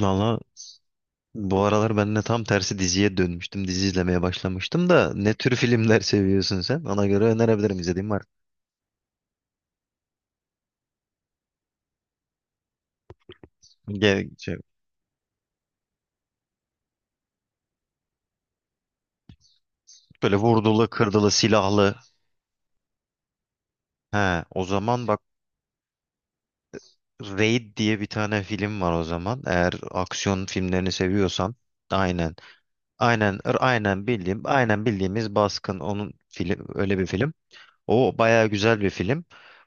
Valla bu aralar ben de tam tersi diziye dönmüştüm. Dizi izlemeye başlamıştım da ne tür filmler seviyorsun sen? Ona göre önerebilirim izlediğim var. Ge- şey, Böyle vurdulu, kırdılı, silahlı. He, o zaman bak, Raid diye bir tane film var o zaman. Eğer aksiyon filmlerini seviyorsan. Aynen. Aynen, bildiğim, aynen bildiğimiz Baskın onun film öyle bir film. O bayağı güzel bir film.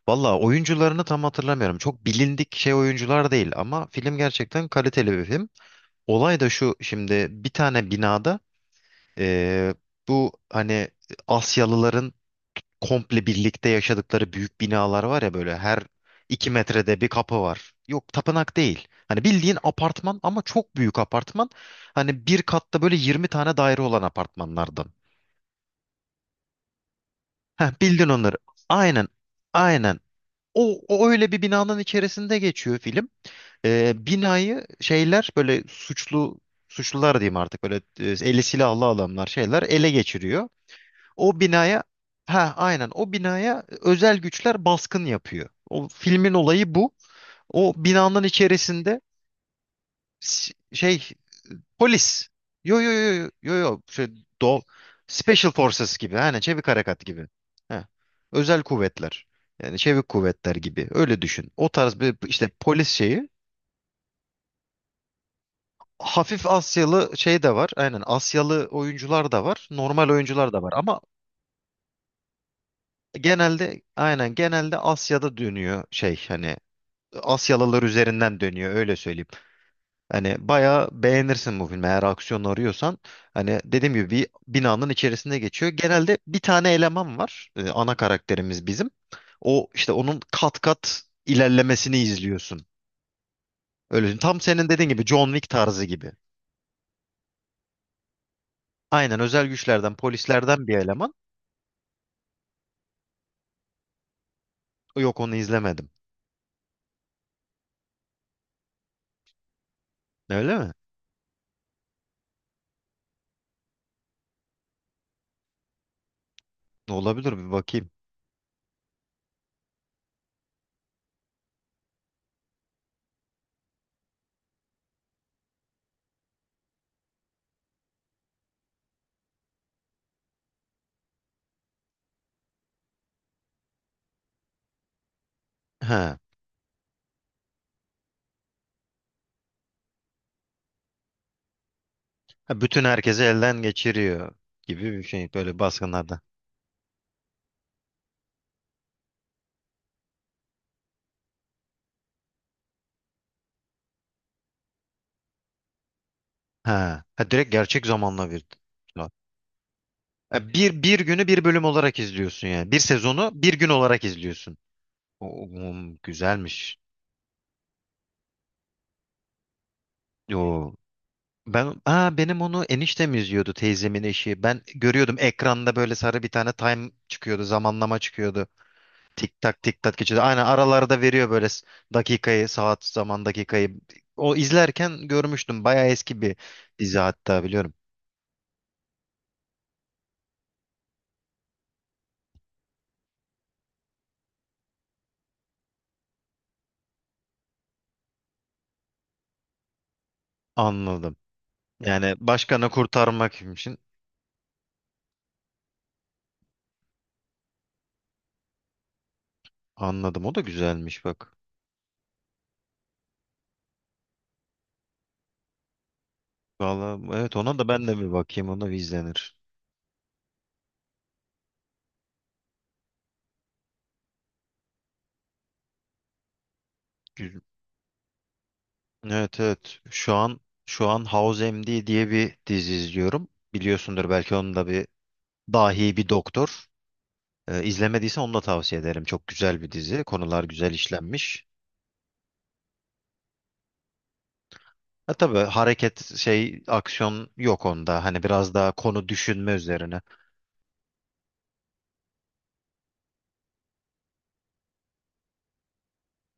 Valla oyuncularını tam hatırlamıyorum. Çok bilindik şey oyuncular değil ama film gerçekten kaliteli bir film. Olay da şu şimdi bir tane binada, eee, bu hani Asyalıların komple birlikte yaşadıkları büyük binalar var ya, böyle her iki metrede bir kapı var. Yok, tapınak değil. Hani bildiğin apartman ama çok büyük apartman. Hani bir katta böyle 20 tane daire olan apartmanlardan. Heh, bildin onları. Aynen, aynen. O, o öyle bir binanın içerisinde geçiyor film. Binayı şeyler böyle suçlu, suçlular diyeyim artık, böyle eli silahlı adamlar şeyler ele geçiriyor. O binaya, ha aynen, o binaya özel güçler baskın yapıyor. O filmin olayı bu. O binanın içerisinde şey polis. Yo yo yo yo yo yo, şey do Special Forces gibi, hani çevik harekat gibi. Ha. Özel kuvvetler. Yani çevik kuvvetler gibi öyle düşün. O tarz bir işte polis şeyi, hafif Asyalı şey de var. Aynen Asyalı oyuncular da var. Normal oyuncular da var. Ama genelde Asya'da dönüyor şey, hani Asyalılar üzerinden dönüyor, öyle söyleyeyim. Hani bayağı beğenirsin bu filmi eğer aksiyon arıyorsan. Hani dediğim gibi bir binanın içerisinde geçiyor. Genelde bir tane eleman var. Ana karakterimiz bizim. O işte onun kat kat ilerlemesini izliyorsun. Öyle tam senin dediğin gibi, John Wick tarzı gibi. Aynen özel güçlerden, polislerden bir eleman. Yok, onu izlemedim. Öyle mi? Olabilir, bir bakayım. Ha. Ha, bütün herkesi elden geçiriyor gibi bir şey böyle baskınlarda. Ha. Ha, direkt gerçek zamanla bir. Ha, bir bir günü bir bölüm olarak izliyorsun yani. Bir sezonu bir gün olarak izliyorsun. O, güzelmiş. O ben ha Benim onu eniştem izliyordu, teyzemin eşi. Ben görüyordum ekranda böyle sarı bir tane time çıkıyordu, zamanlama çıkıyordu. Tik tak tik tak geçiyor. Aynen aralarda veriyor böyle dakikayı, saat, zaman dakikayı. O izlerken görmüştüm. Bayağı eski bir dizi hatta, biliyorum. Anladım. Yani başkanı kurtarmak için. Anladım. O da güzelmiş bak. Vallahi evet, ona da ben de bir bakayım. Ona bir izlenir. Gü- Evet evet. Şu an House MD diye bir dizi izliyorum. Biliyorsundur belki, onun da bir dahi bir doktor. İzlemediysen onu da tavsiye ederim. Çok güzel bir dizi. Konular güzel işlenmiş. E tabii, hareket şey aksiyon yok onda. Hani biraz daha konu düşünme üzerine.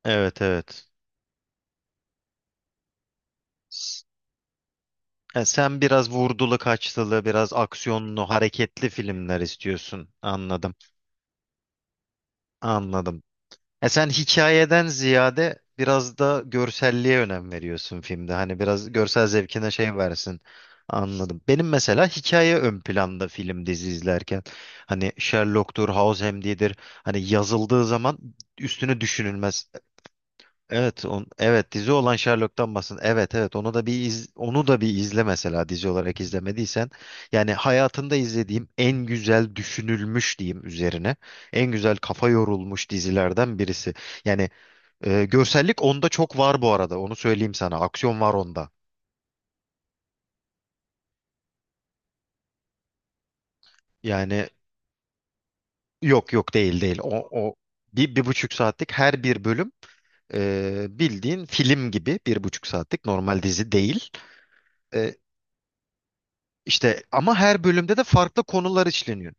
Evet evet. S- Sen biraz vurdulu kaçtılı, biraz aksiyonlu, hareketli filmler istiyorsun. Anladım. Anladım. E sen hikayeden ziyade biraz da görselliğe önem veriyorsun filmde. Hani biraz görsel zevkine şey versin. Anladım. Benim mesela hikaye ön planda film dizi izlerken. Hani Sherlock'tur, House diyedir, hani yazıldığı zaman üstüne düşünülmez. Evet, dizi olan Sherlock'tan bahsediyorsun. Evet evet, onu da onu da bir izle mesela dizi olarak izlemediysen. Yani hayatında izlediğim en güzel düşünülmüş diyeyim üzerine. En güzel kafa yorulmuş dizilerden birisi. Yani görsellik onda çok var bu arada. Onu söyleyeyim sana. Aksiyon var onda. Yani Yok yok, değil değil. O, o Bir, bir buçuk saatlik her bir bölüm, bildiğin film gibi, bir buçuk saatlik normal dizi değil. E, İşte, ama her bölümde de farklı konular işleniyor.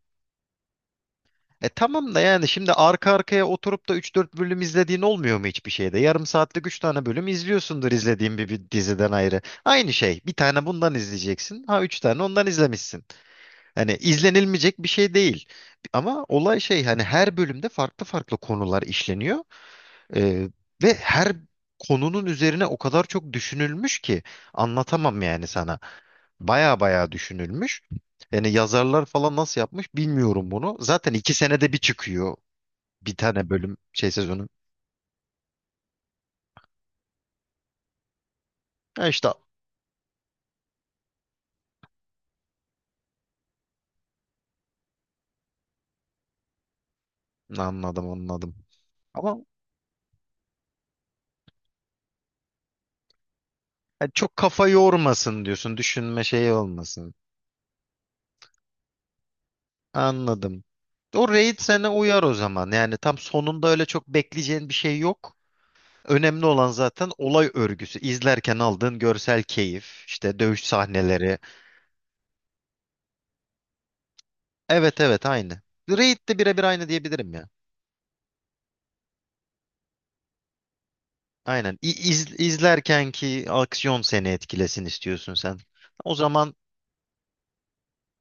E tamam da, yani şimdi arka arkaya oturup da üç dört bölüm izlediğin olmuyor mu hiçbir şeyde? Yarım saatlik 3 tane bölüm izliyorsundur izlediğin bir, bir diziden ayrı. Aynı şey. Bir tane bundan izleyeceksin. Ha, 3 tane ondan izlemişsin. Hani izlenilmeyecek bir şey değil. Ama olay şey, hani her bölümde farklı farklı konular işleniyor. E, Ve her konunun üzerine o kadar çok düşünülmüş ki anlatamam yani sana. Baya baya düşünülmüş. Yani yazarlar falan nasıl yapmış bilmiyorum bunu. Zaten iki senede bir çıkıyor bir tane bölüm şey sezonu. Ya işte, anladım anladım. Ama yani çok kafa yormasın diyorsun. Düşünme şeyi olmasın. Anladım. O Raid sana uyar o zaman. Yani tam sonunda öyle çok bekleyeceğin bir şey yok. Önemli olan zaten olay örgüsü. İzlerken aldığın görsel keyif, işte dövüş sahneleri. Evet evet aynı. Raid de birebir aynı diyebilirim ya. Aynen. İ- iz- izlerken ki aksiyon seni etkilesin istiyorsun sen. O zaman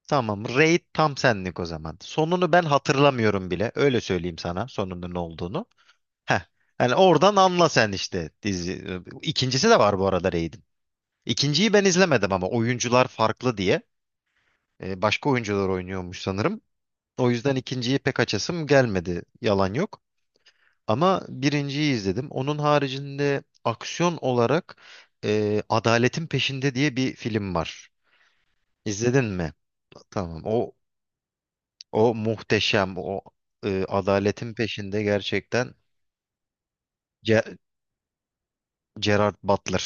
tamam. Raid tam senlik o zaman. Sonunu ben hatırlamıyorum bile. Öyle söyleyeyim sana sonunun ne olduğunu. Heh. Yani oradan anla sen işte dizi. İkincisi de var bu arada Raid'in. İkinciyi ben izlemedim ama oyuncular farklı diye. Başka oyuncular oynuyormuş sanırım. O yüzden ikinciyi pek açasım gelmedi. Yalan yok. Ama birinciyi izledim. Onun haricinde aksiyon olarak Adaletin Peşinde diye bir film var. İzledin mi? Tamam. O o muhteşem. O Adaletin Peşinde gerçekten. Ce- Gerard Butler.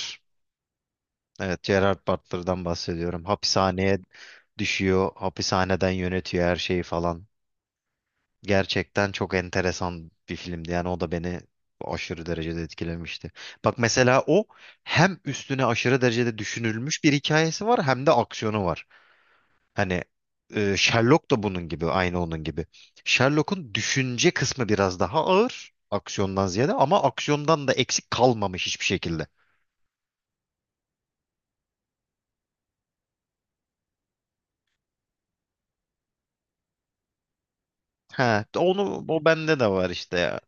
Evet, Gerard Butler'dan bahsediyorum. Hapishaneye düşüyor, hapishaneden yönetiyor her şeyi falan. Gerçekten çok enteresan bir filmdi. Yani o da beni aşırı derecede etkilemişti. Bak mesela o hem üstüne aşırı derecede düşünülmüş bir hikayesi var hem de aksiyonu var. Hani Sherlock da bunun gibi, aynı onun gibi. Sherlock'un düşünce kısmı biraz daha ağır aksiyondan ziyade, ama aksiyondan da eksik kalmamış hiçbir şekilde. Ha, onu o bende de var işte ya.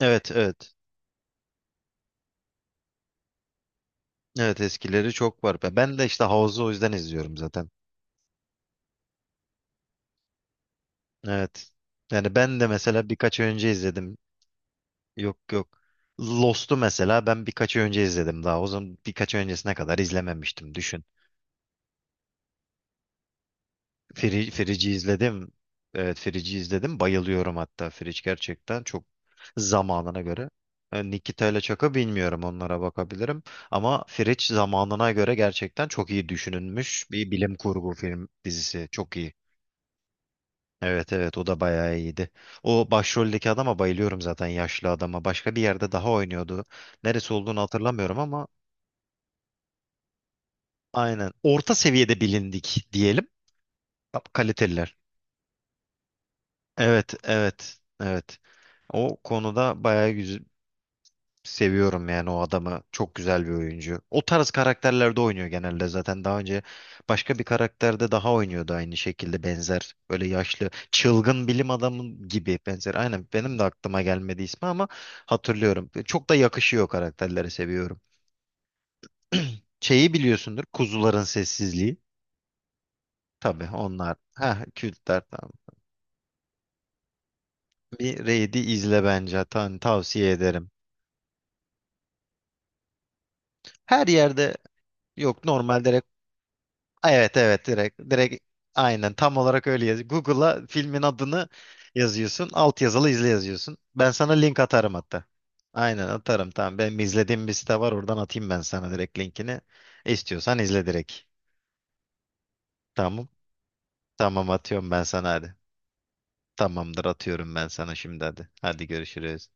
Evet, evet. Evet, eskileri çok var. Ben de işte House'u o yüzden izliyorum zaten. Evet. Yani ben de mesela birkaç ay önce izledim. Yok yok. Lost'u mesela ben birkaç ay önce izledim daha. O zaman birkaç ay öncesine kadar izlememiştim. Düşün. Firici izledim. Evet, Firici izledim. Bayılıyorum hatta, Firici gerçekten çok zamanına göre. E, Nikita ile Çak'ı bilmiyorum, onlara bakabilirim. Ama Firiç zamanına göre gerçekten çok iyi düşünülmüş bir bilim kurgu film dizisi. Çok iyi. Evet evet, o da bayağı iyiydi. O başroldeki adama bayılıyorum zaten, yaşlı adama. Başka bir yerde daha oynuyordu. Neresi olduğunu hatırlamıyorum ama aynen. Orta seviyede bilindik diyelim. Kaliteliler. Evet evet evet. O konuda bayağı seviyorum yani o adamı. Çok güzel bir oyuncu. O tarz karakterlerde oynuyor genelde zaten. Daha önce başka bir karakterde daha oynuyordu aynı şekilde benzer. Böyle yaşlı, çılgın bilim adamı gibi benzer. Aynen benim de aklıma gelmedi ismi ama hatırlıyorum. Çok da yakışıyor karakterlere, seviyorum. Şeyi biliyorsundur. Kuzuların Sessizliği. Tabii, onlar. Ha, kültler tamam. Bir Raid'i izle bence. Tan tavsiye ederim. Her yerde yok normalde. Evet evet, direkt aynen tam olarak öyle yaz. Google'a filmin adını yazıyorsun. Alt yazılı izle yazıyorsun. Ben sana link atarım hatta. Aynen atarım, tamam. Benim izlediğim bir site var, oradan atayım ben sana direkt linkini. İstiyorsan izle direkt. Tamam. Tamam, atıyorum ben sana, hadi. Tamamdır, atıyorum ben sana şimdi, hadi. Hadi görüşürüz.